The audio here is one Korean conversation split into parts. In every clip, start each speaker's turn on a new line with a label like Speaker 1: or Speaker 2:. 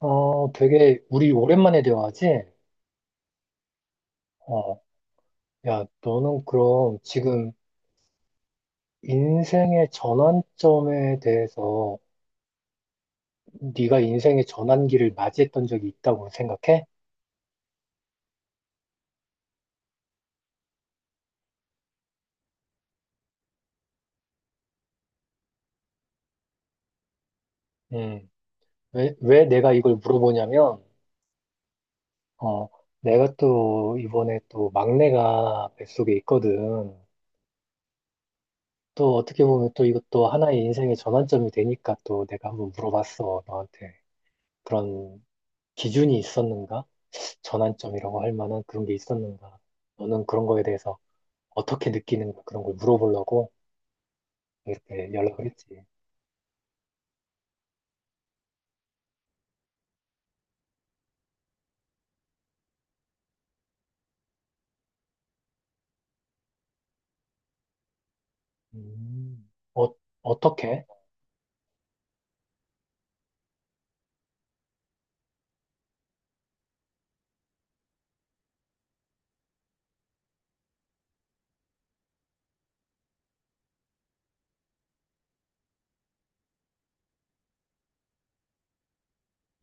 Speaker 1: 어, 되게 우리 오랜만에 대화하지? 어, 야, 너는 그럼 지금 인생의 전환점에 대해서 네가 인생의 전환기를 맞이했던 적이 있다고 생각해? 음. 왜 내가 이걸 물어보냐면, 어, 내가 또 이번에 또 막내가 뱃속에 있거든. 또 어떻게 보면 또 이것도 하나의 인생의 전환점이 되니까 또 내가 한번 물어봤어, 너한테. 그런 기준이 있었는가? 전환점이라고 할 만한 그런 게 있었는가? 너는 그런 거에 대해서 어떻게 느끼는가? 그런 걸 물어보려고 이렇게 연락을 했지. 음, 어, 어떻게?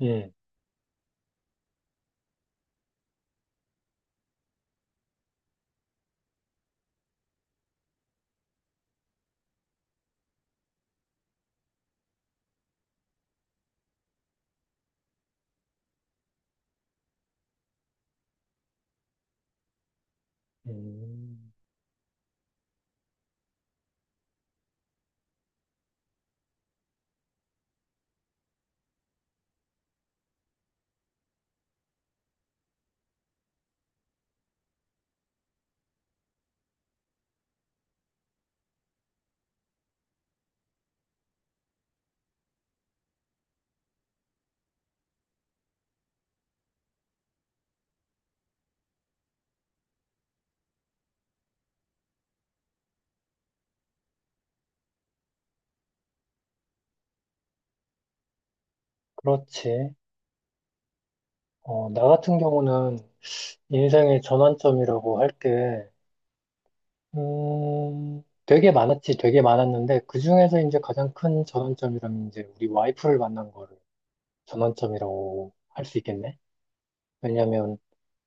Speaker 1: 음, 음, 그렇지. 어, 나 같은 경우는 인생의 전환점이라고 할 게, 되게 많았지, 되게 많았는데, 그 중에서 이제 가장 큰 전환점이라면 이제 우리 와이프를 만난 거를 전환점이라고 할 수 있겠네? 왜냐면,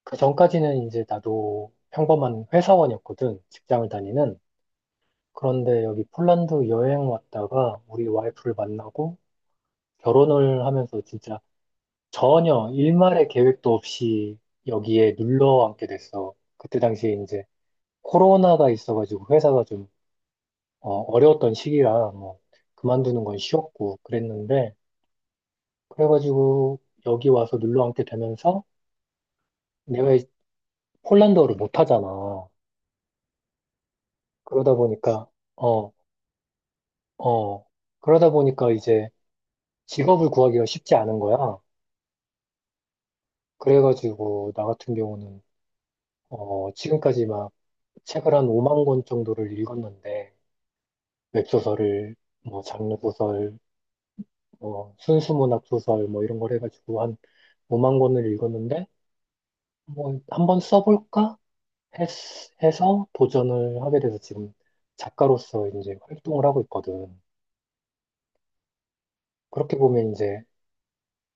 Speaker 1: 그 전까지는 이제 나도 평범한 회사원이었거든. 직장을 다니는. 그런데 여기 폴란드 여행 왔다가 우리 와이프를 만나고 결혼을 하면서 진짜 전혀 일말의 계획도 없이 여기에 눌러 앉게 됐어. 그때 당시에 이제 코로나가 있어가지고 회사가 좀 어, 어려웠던 시기라 뭐 그만두는 건 쉬웠고 그랬는데 그래가지고 여기 와서 눌러 앉게 되면서 내가 폴란드어를 못하잖아. 그러다 보니까 어, 어, 그러다 보니까 이제 직업을 구하기가 쉽지 않은 거야. 그래가지고 나 같은 경우는 어, 지금까지 막 책을 한 5만 권 정도를 읽었는데 웹소설을 뭐 장르 소설, 뭐 순수 문학 소설 뭐 이런 걸 해가지고 한 5만 권을 읽었는데 뭐 한번 써볼까 했, 해서 도전을 하게 돼서 지금 작가로서 이제 활동을 하고 있거든. 그렇게 보면 이제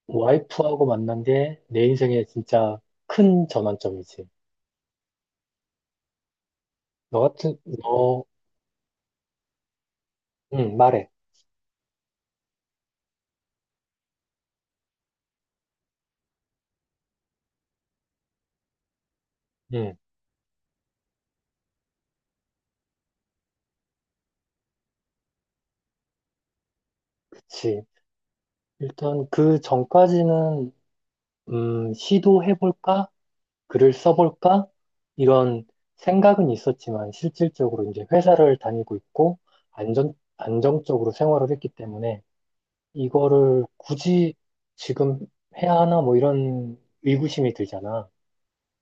Speaker 1: 와이프하고 만난 게 내 인생의 진짜 큰 전환점이지. 너, 응, 말해. 응, 그치. 일단 그 전까지는, 시도해볼까? 글을 써볼까? 이런 생각은 있었지만, 실질적으로 이제 회사를 다니고 있고, 안정적으로 생활을 했기 때문에, 이거를 굳이 지금 해야 하나? 뭐 이런 의구심이 들잖아.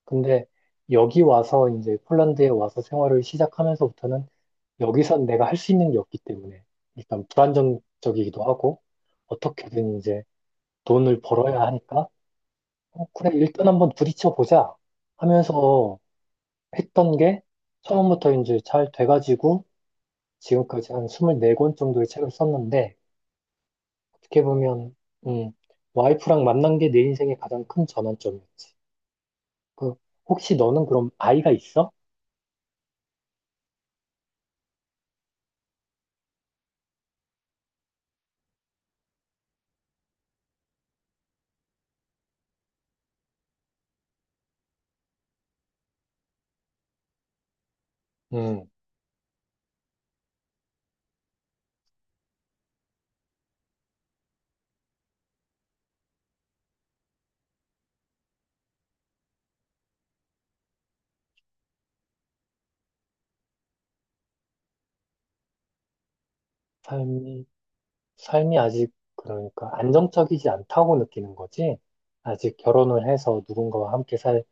Speaker 1: 근데 여기 와서 이제 폴란드에 와서 생활을 시작하면서부터는 여기서 내가 할 수 있는 게 없기 때문에 일단 불안정적이기도 하고 어떻게든 이제 돈을 벌어야 하니까 어, 그래 일단 한번 부딪혀 보자 하면서 했던 게 처음부터 이제 잘 돼가지고 지금까지 한 24권 정도의 책을 썼는데 어떻게 보면 음, 와이프랑 만난 게 내 인생의 가장 큰 전환점이었지. 그 혹시 너는 그럼 아이가 있어? 음. 삶이 삶이 아직 그러니까 안정적이지 않다고 느끼는 거지. 아직 결혼을 해서 누군가와 함께 살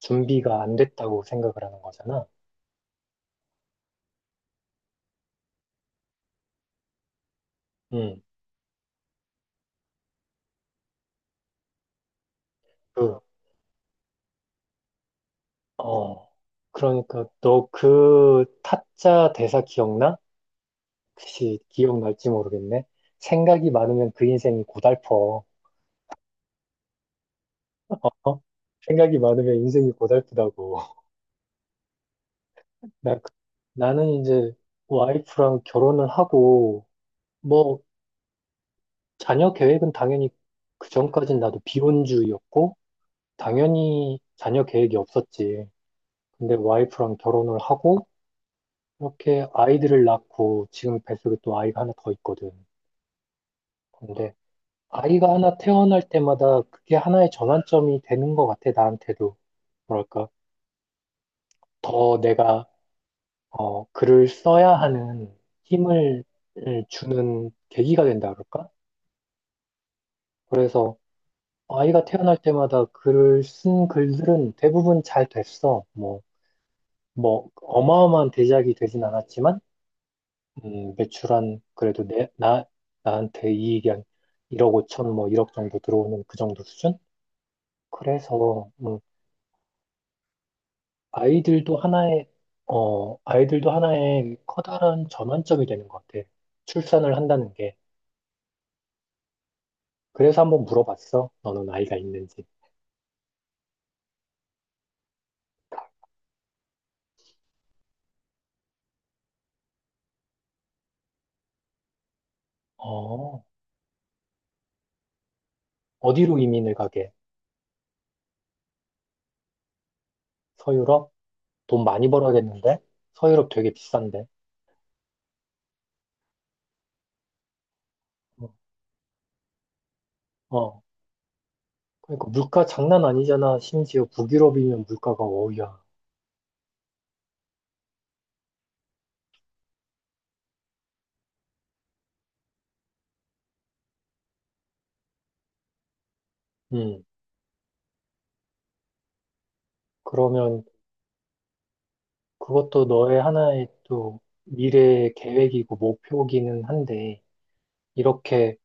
Speaker 1: 준비가 안 됐다고 생각을 하는 거잖아. 음, 그, 어, 그러니까 너 그 타짜 대사 기억나? 혹시 기억날지 모르겠네. 생각이 많으면 그 인생이 고달퍼. 어? 생각이 많으면 인생이 고달프다고. 나, 그- 나는 이제 와이프랑 결혼을 하고, 뭐, 자녀 계획은 당연히 그 전까진 나도 비혼주의였고, 당연히 자녀 계획이 없었지. 근데 와이프랑 결혼을 하고, 이렇게 아이들을 낳고, 지금 뱃속에 또 아이가 하나 더 있거든. 근데 아이가 하나 태어날 때마다 그게 하나의 전환점이 되는 것 같아, 나한테도. 뭐랄까, 더 내가, 어, 글을 써야 하는 힘을 을 주는 계기가 된다 그럴까? 그래서 아이가 태어날 때마다 글을 쓴 글들은 대부분 잘 됐어. 뭐, 어마어마한 대작이 되진 않았지만, 그래도 나한테 이익이 한 1억 5천, 뭐, 1억 정도 들어오는 그 정도 수준? 그래서, 아이들도 하나의, 어, 아이들도 하나의 커다란 전환점이 되는 것 같아. 출산을 한다는 게. 그래서 한번 물어봤어. 너는 아이가 있는지. 어, 어디로 이민을 가게? 서유럽? 돈 많이 벌어야겠는데? 서유럽 되게 비싼데. 어, 어. 그러니까 물가 장난 아니잖아. 심지어 북유럽이면 물가가 어우야. 음. 그러면 그것도 너의 하나의 또 미래의 계획이고 목표기는 한데, 이렇게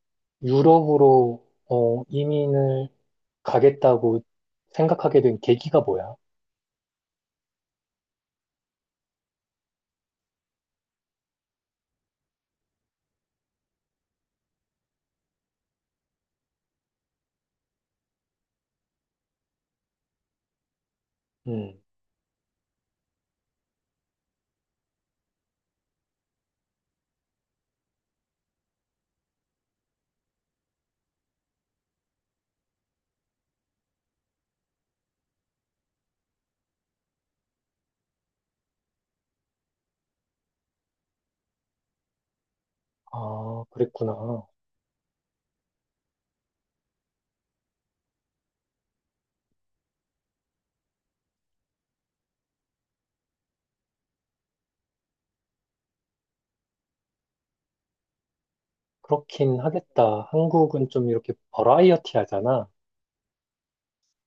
Speaker 1: 유럽으로 어, 이민을 가겠다고 생각하게 된 계기가 뭐야? 음. 아, 그랬구나. 그렇긴 하겠다. 한국은 좀 이렇게 버라이어티 하잖아.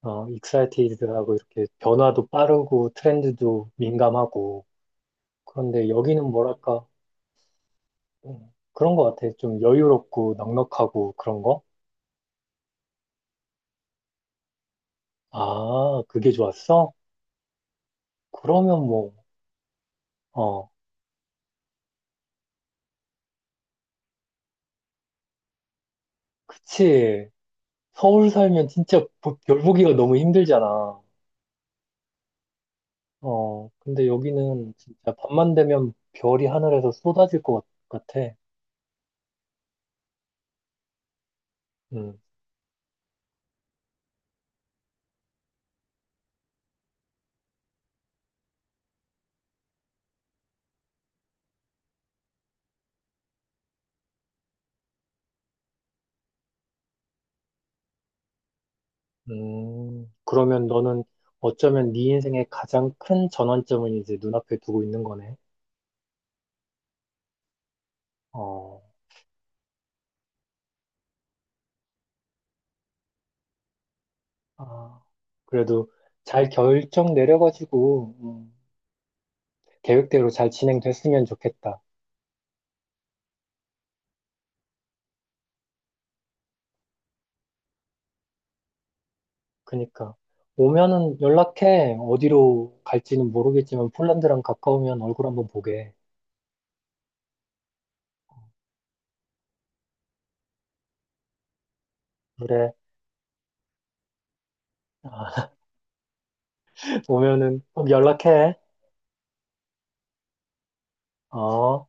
Speaker 1: 어, 익사이티드하고 이렇게 변화도 빠르고 트렌드도 민감하고 그런데 여기는 뭐랄까 그런 것 같아. 좀 여유롭고 넉넉하고 그런 거. 아, 그게 좋았어? 그러면 뭐, 어, 그치. 서울 살면 진짜 별 보기가 너무 힘들잖아. 어, 근데 여기는 진짜 밤만 되면 별이 하늘에서 쏟아질 같아. 음. 그러면 너는 어쩌면 네 인생의 가장 큰 전환점을 이제 눈앞에 두고 있는 거네. 어, 아, 그래도 잘 결정 내려가지고, 계획대로 잘 진행됐으면 좋겠다. 그니까. 오면은 연락해. 어디로 갈지는 모르겠지만 폴란드랑 가까우면 얼굴 한번 보게. 그래. 오면은 꼭 연락해. 어.